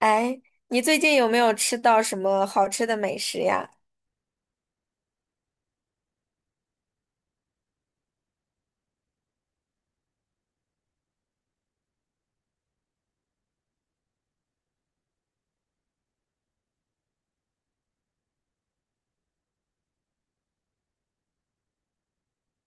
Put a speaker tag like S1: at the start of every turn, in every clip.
S1: 哎，你最近有没有吃到什么好吃的美食呀？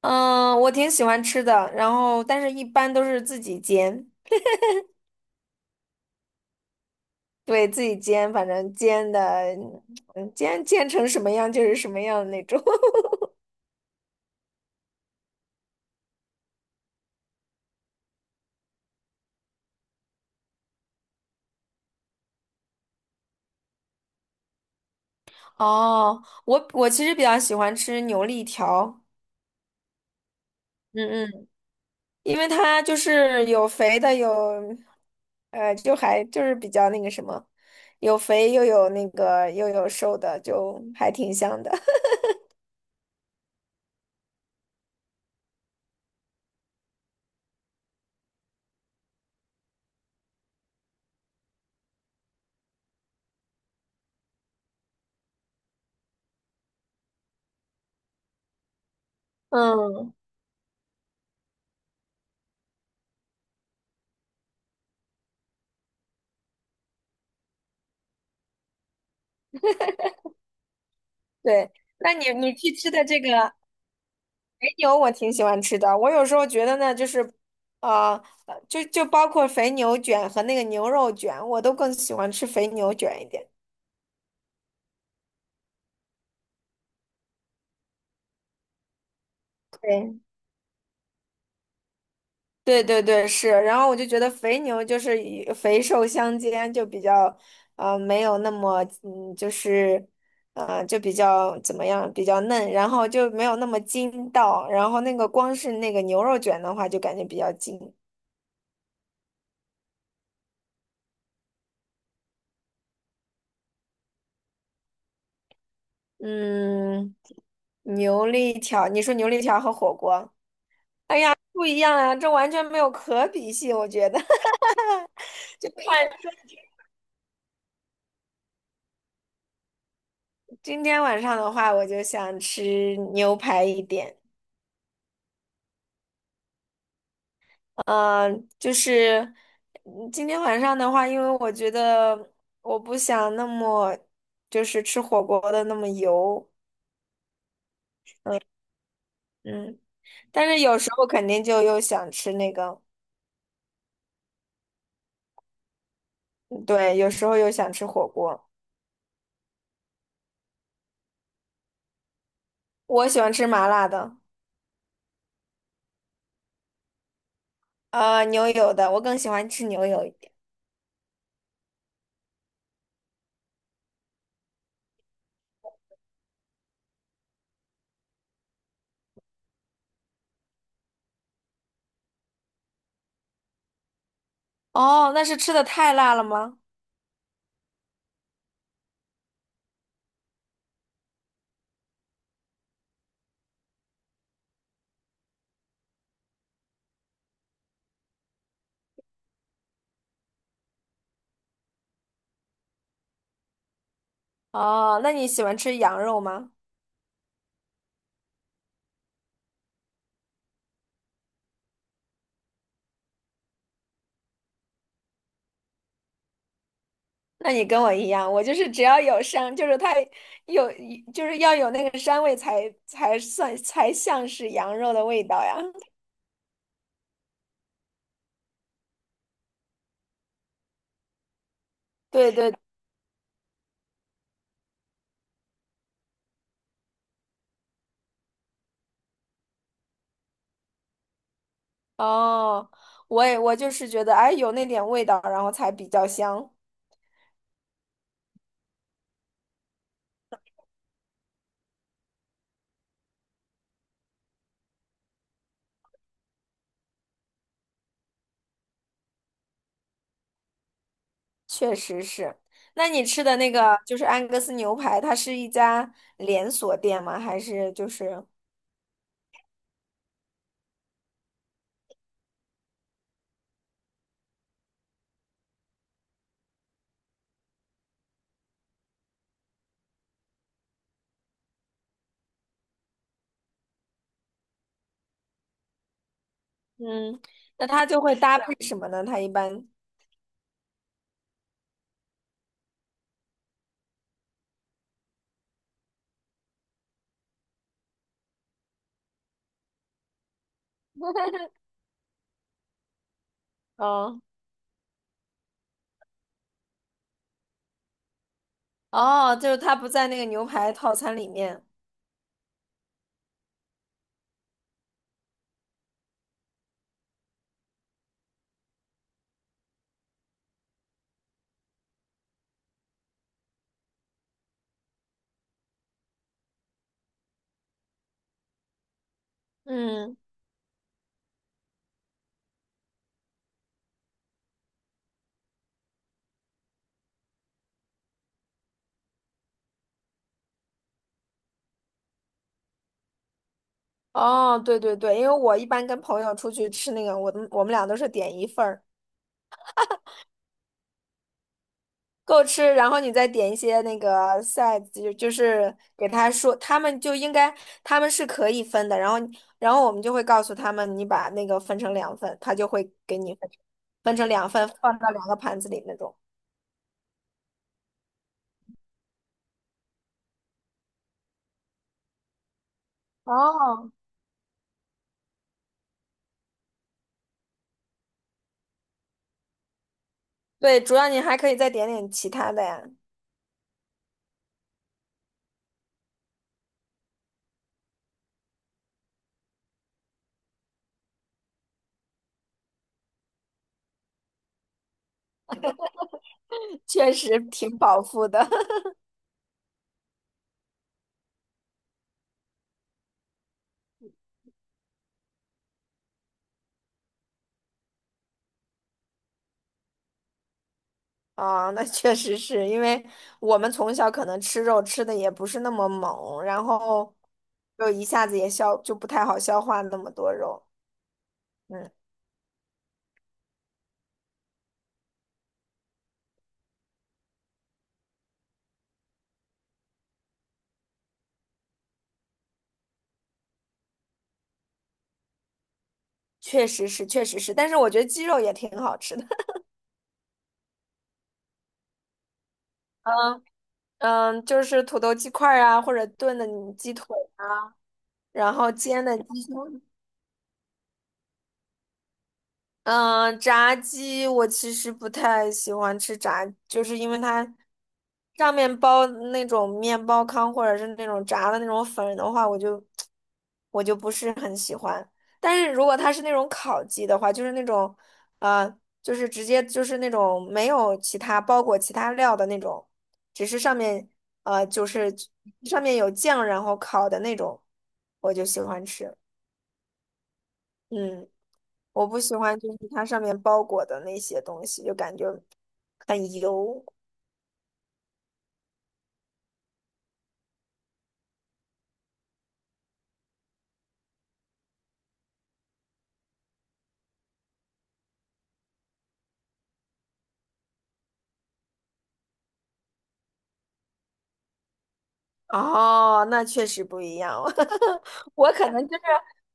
S1: 嗯，我挺喜欢吃的，然后但是一般都是自己煎。对，自己煎，反正煎的，煎煎成什么样就是什么样的那种。哦，我其实比较喜欢吃牛肋条。嗯嗯，因为它就是有肥的，有，就还就是比较那个什么，有肥又有那个又有瘦的，就还挺香的。嗯。对，那你去吃的这个肥牛，我挺喜欢吃的。我有时候觉得呢，就是，呃，呃就就包括肥牛卷和那个牛肉卷，我都更喜欢吃肥牛卷一点。对，对对对，是。然后我就觉得肥牛就是以肥瘦相间，就比较，没有那么，嗯，就是，就比较怎么样，比较嫩，然后就没有那么筋道。然后那个光是那个牛肉卷的话，就感觉比较筋。嗯，牛肋条，你说牛肋条和火锅不一样啊，这完全没有可比性，我觉得。就看今天晚上的话，我就想吃牛排一点。嗯，就是今天晚上的话，因为我觉得我不想那么就是吃火锅的那么油。嗯嗯，但是有时候肯定就又想吃那个，嗯对，有时候又想吃火锅。我喜欢吃麻辣的。呃，牛油的，我更喜欢吃牛油一点。哦，那是吃的太辣了吗？哦，那你喜欢吃羊肉吗？那你跟我一样，我就是只要有膻，就是它有，就是要有那个膻味才算才像是羊肉的味道呀。对对，哦，我也我就是觉得，哎，有那点味道，然后才比较香。确实是。那你吃的那个就是安格斯牛排，它是一家连锁店吗？还是就是？嗯，那他就会搭配什么呢？他一般，哦哦，就是他不在那个牛排套餐里面。嗯，哦，对对对，因为我一般跟朋友出去吃那个，我们俩都是点一份儿。够吃，然后你再点一些那个 side 就就是给他说，他们就应该他们是可以分的，然后然后我们就会告诉他们，你把那个分成两份，他就会给你分成两份，放到两个盘子里那种。哦，对，主要你还可以再点点其他的呀。确实挺饱腹的 啊，那确实是因为我们从小可能吃肉吃的也不是那么猛，然后就一下子也消就不太好消化那么多肉。嗯，确实是，确实是，但是我觉得鸡肉也挺好吃的。嗯嗯，就是土豆鸡块儿啊，或者炖的鸡腿，然后煎的鸡胸。嗯，炸鸡我其实不太喜欢吃炸，就是因为它上面包那种面包糠或者是那种炸的那种粉的话，我就不是很喜欢。但是如果它是那种烤鸡的话，就是那种呃，就是直接就是那种没有其他包裹其他料的那种，只是上面就是上面有酱然后烤的那种，我就喜欢吃。嗯。我不喜欢就是它上面包裹的那些东西，就感觉很油。哦，那确实不一样。我可能就是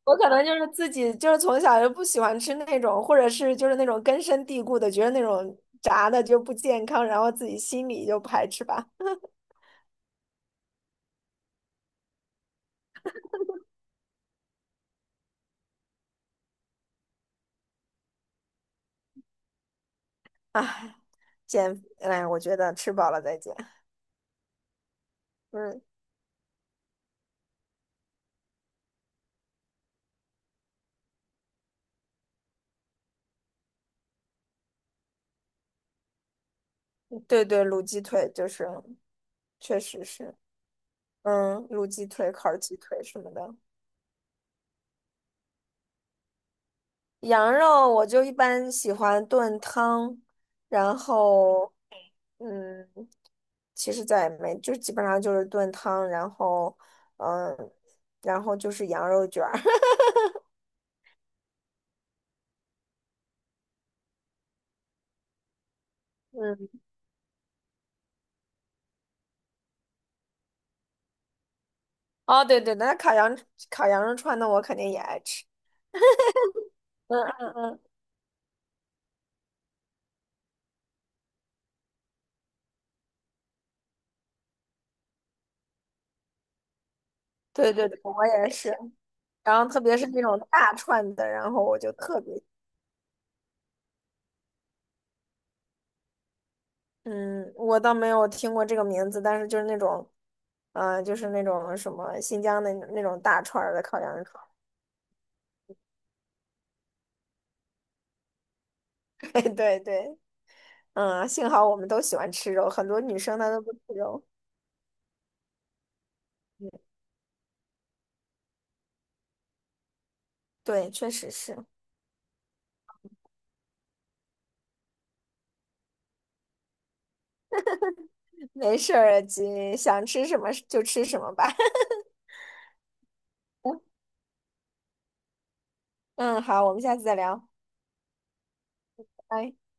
S1: 我可能就是自己就是从小就不喜欢吃那种，或者是就是那种根深蒂固的，觉得那种炸的就不健康，然后自己心里就排斥吧。唉，减，哎，我觉得吃饱了再减。嗯，对对，卤鸡腿就是，确实是。嗯，卤鸡腿、烤鸡腿什么的。羊肉我就一般喜欢炖汤，然后嗯，其实再也没，就基本上就是炖汤，然后嗯，然后就是羊肉卷儿，嗯，哦对对，那烤羊烤羊肉串，那我肯定也爱吃，嗯嗯嗯，对对对，我也是，然后特别是那种大串的，然后我就特别，嗯，我倒没有听过这个名字，但是就是那种，嗯、就是那种什么新疆的那种大串儿的烤羊肉串。对对对，嗯，幸好我们都喜欢吃肉，很多女生她都不吃肉。对，确实是，没事儿，姐想吃什么就吃什么吧。嗯，好，我们下次再聊，拜拜。